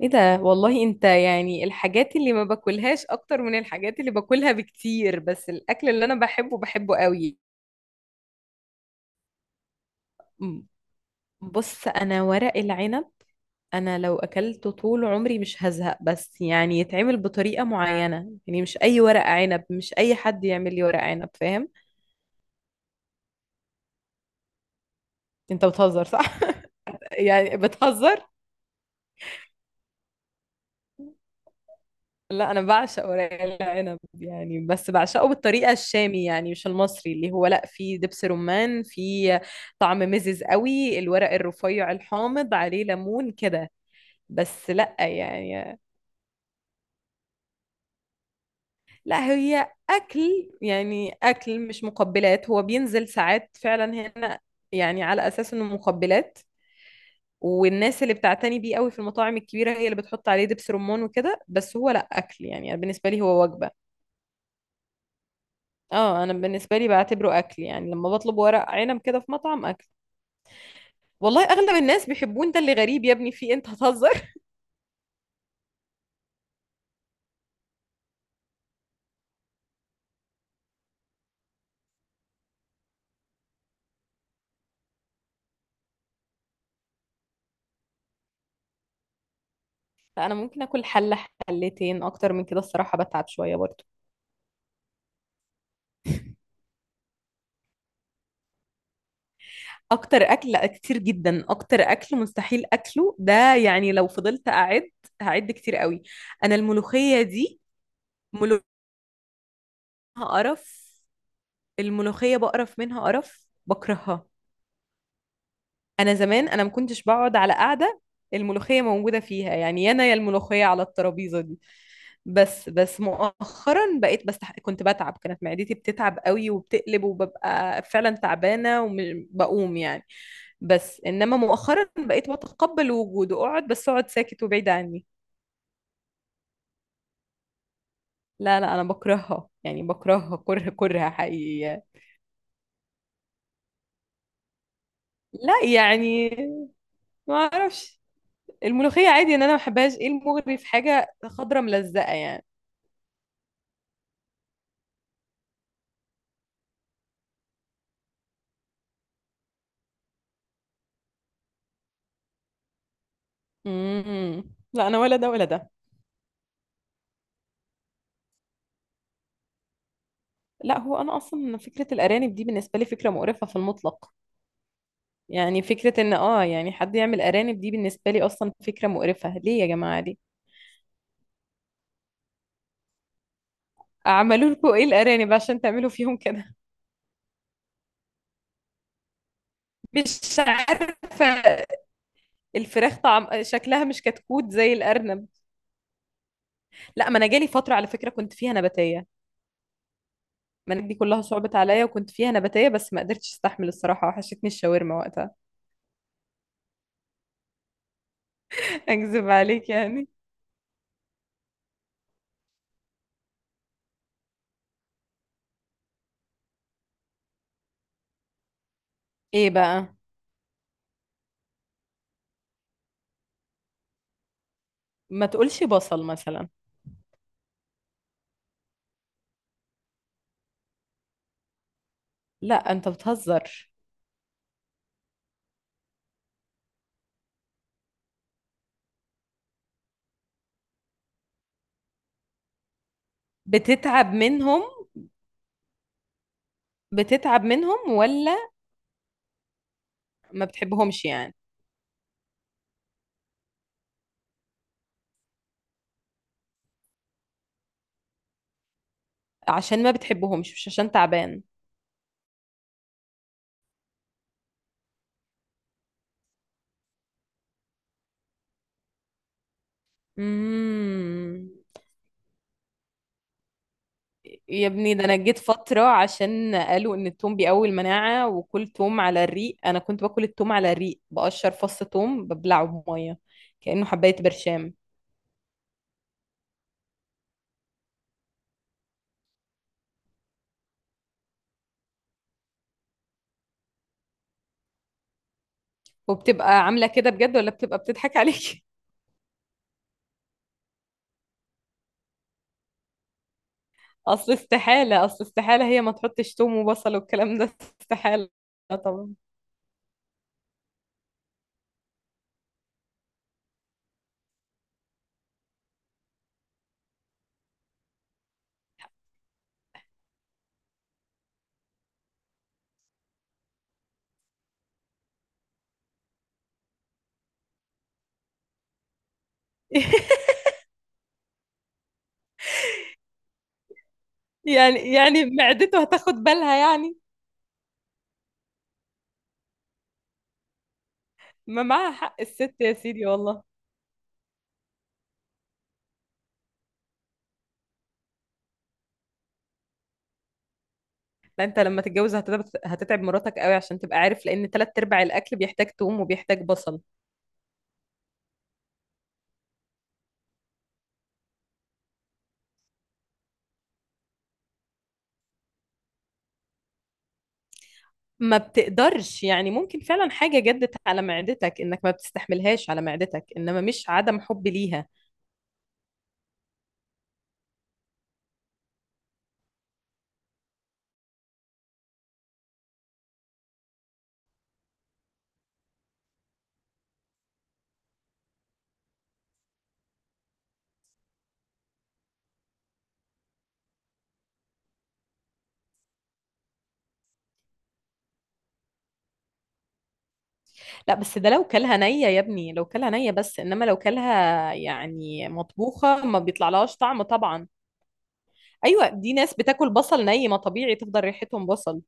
ايه ده والله، انت يعني الحاجات اللي ما باكلهاش اكتر من الحاجات اللي باكلها بكتير، بس الاكل اللي انا بحبه بحبه قوي. م- بص انا ورق العنب، انا لو اكلته طول عمري مش هزهق، بس يعني يتعمل بطريقة معينة. يعني مش اي ورق عنب، مش اي حد يعمل لي ورق عنب، فاهم؟ انت بتهزر صح؟ يعني بتهزر. لا انا بعشق ورق العنب يعني، بس بعشقه بالطريقه الشامي، يعني مش المصري اللي هو لا فيه دبس رمان، فيه طعم مزز قوي، الورق الرفيع الحامض عليه ليمون كده. بس لا يعني. لا هي اكل يعني، اكل مش مقبلات، هو بينزل ساعات فعلا هنا يعني على اساس انه مقبلات. والناس اللي بتعتني بيه قوي في المطاعم الكبيره هي اللي بتحط عليه دبس رمان وكده، بس هو لا اكل يعني، أنا بالنسبه لي هو وجبه. اه انا بالنسبه لي بعتبره اكل، يعني لما بطلب ورق عنب كده في مطعم اكل. والله اغلب الناس بيحبون ده، اللي غريب يا ابني في إيه؟ انت هتهزر؟ فانا ممكن اكل حله حلتين، اكتر من كده الصراحه بتعب شويه برضو. اكتر اكل، لا كتير جدا اكتر اكل مستحيل اكله ده، يعني لو فضلت اعد هعد كتير قوي. انا الملوخيه دي، ملوخية، قرف. الملوخيه بقرف منها، قرف، بكرهها. انا زمان انا ما كنتش بقعد على قعده الملوخيه موجوده فيها، يعني يا انا يا الملوخيه على الترابيزه دي. بس مؤخرا بقيت، بس كنت بتعب، كانت معدتي بتتعب قوي وبتقلب وببقى فعلا تعبانة وبقوم يعني. بس انما مؤخرا بقيت بتقبل وجوده، اقعد بس اقعد ساكت وبعيد عني. لا لا، انا بكرهها يعني، بكرهها كره كره حقيقي يعني. لا يعني ما اعرفش، الملوخية عادي ان انا ما بحبهاش، ايه المغري في حاجة خضرة ملزقة يعني؟ امم، لا انا ولا ده ولا ده. لا هو انا اصلا فكرة الارانب دي بالنسبة لي فكرة مقرفة في المطلق. يعني فكرة ان اه يعني حد يعمل ارانب دي بالنسبة لي اصلا فكرة مقرفة، ليه يا جماعة دي؟ اعملوا لكم ايه الارانب عشان تعملوا فيهم كده؟ مش عارفة. الفراخ طعم، شكلها مش كتكوت زي الارنب. لا ما انا جالي فترة على فكرة كنت فيها نباتية. ما أنا دي كلها صعبت عليا وكنت فيها نباتية، بس ما قدرتش استحمل الصراحة، وحشتني الشاورما وقتها. اكذب عليك يعني. ايه بقى؟ ما تقولش بصل مثلا. لا انت بتهزر. بتتعب منهم؟ بتتعب منهم ولا ما بتحبهمش يعني؟ عشان ما بتحبهمش مش عشان تعبان. امم. يا ابني ده انا جيت فترة عشان قالوا ان التوم بيقوي المناعة، وكل توم على الريق، انا كنت باكل التوم على الريق، بقشر فص توم ببلعه بمية كأنه حباية برشام. وبتبقى عاملة كده بجد ولا بتبقى بتضحك عليك؟ اصل استحالة، اصل استحالة هي ما تحطش توم وبصل والكلام ده. استحالة طبعا. يعني معدته هتاخد بالها يعني. ما معاها حق الست يا سيدي والله. لا انت لما تتجوز هتتعب، هتتعب مراتك قوي، عشان تبقى عارف لان تلات ارباع الاكل بيحتاج توم وبيحتاج بصل. ما بتقدرش يعني، ممكن فعلا حاجه جدت على معدتك انك ما بتستحملهاش على معدتك، انما مش عدم حب ليها. لا بس ده لو كلها نيه يا ابني، لو كلها نيه، بس انما لو كلها يعني مطبوخه ما بيطلعلهاش طعم طبعا. ايوه دي ناس بتاكل بصل ني، ما طبيعي تفضل ريحتهم بصل.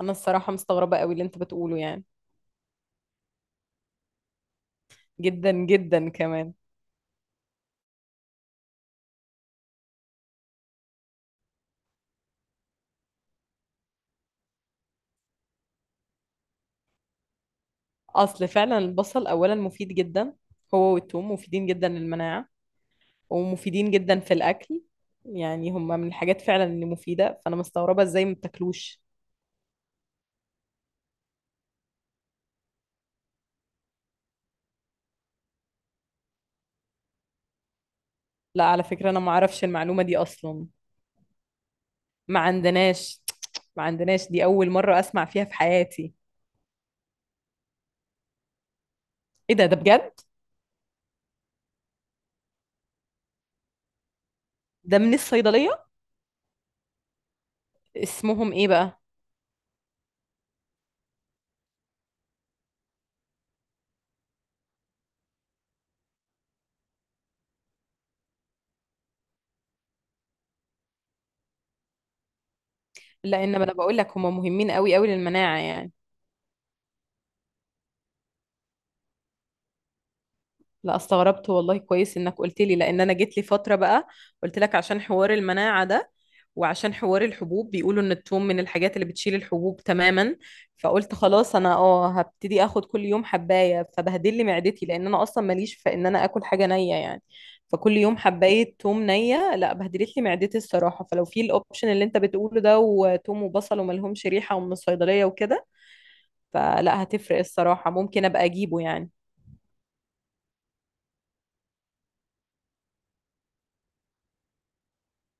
انا الصراحه مستغربه قوي اللي انت بتقوله يعني. جدا جدا كمان. اصل فعلا البصل اولا مفيد جدا، هو والثوم مفيدين جدا للمناعة، ومفيدين جدا في الاكل. يعني هما من الحاجات فعلا اللي مفيدة، فانا مستغربة ازاي ما بتاكلوش. لا على فكرة انا ما اعرفش المعلومة دي اصلا. ما عندناش. ما عندناش، دي اول مرة اسمع فيها في حياتي. ايه ده، ده بجد؟ ده من الصيدلية؟ اسمهم ايه بقى؟ لا انما انا بقول لك هما مهمين قوي قوي للمناعة يعني. لا استغربت والله، كويس انك قلت لي، لان انا جيت لي فتره بقى، قلت لك عشان حوار المناعه ده، وعشان حوار الحبوب بيقولوا ان الثوم من الحاجات اللي بتشيل الحبوب تماما. فقلت خلاص انا اه هبتدي اخد كل يوم حبايه، فبهدل لي معدتي، لان انا اصلا ماليش في ان انا اكل حاجه نيه يعني. فكل يوم حبايه ثوم نيه، لا بهدلت لي معدتي الصراحه. فلو في الاوبشن اللي انت بتقوله ده، وثوم وبصل وملهمش ريحه ومن الصيدليه وكده، فلا هتفرق الصراحه، ممكن ابقى اجيبه يعني.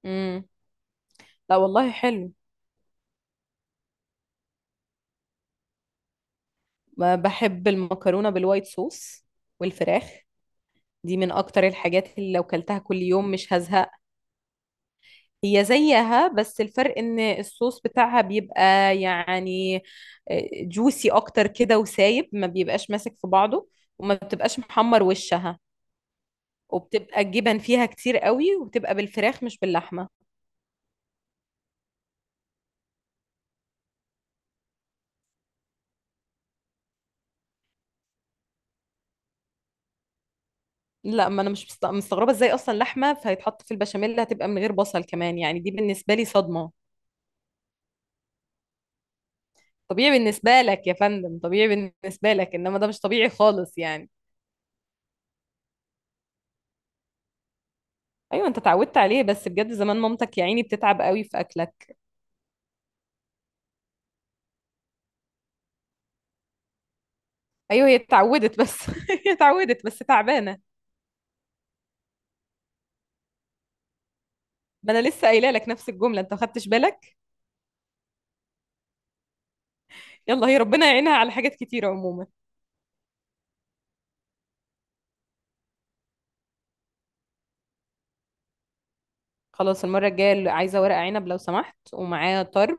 امم. لا والله حلو. ما بحب المكرونة بالوايت صوص والفراخ، دي من اكتر الحاجات اللي لو كلتها كل يوم مش هزهق. هي زيها بس الفرق ان الصوص بتاعها بيبقى يعني جوسي اكتر كده وسايب، ما بيبقاش ماسك في بعضه، وما بتبقاش محمر وشها، وبتبقى الجبن فيها كتير قوي، وبتبقى بالفراخ مش باللحمة. لا ما انا مش مستغربة ازاي اصلا لحمة فهيتحط في البشاميل هتبقى من غير بصل كمان يعني، دي بالنسبة لي صدمة. طبيعي بالنسبة لك يا فندم، طبيعي بالنسبة لك انما ده مش طبيعي خالص يعني. ايوه انت اتعودت عليه، بس بجد زمان مامتك يا عيني بتتعب قوي في اكلك. ايوه هي اتعودت بس هي اتعودت بس تعبانة. ما انا لسه قايله لك نفس الجملة، انت ما خدتش بالك. يلا هي ربنا يعينها على حاجات كتيرة عموما. خلاص المرة الجاية اللي عايزة ورق عنب لو سمحت ومعاه طرب.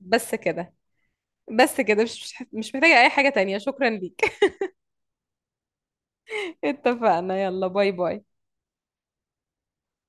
بس كده، بس كده مش محتاجة اي حاجة تانية، شكرا ليك. اتفقنا، يلا باي باي.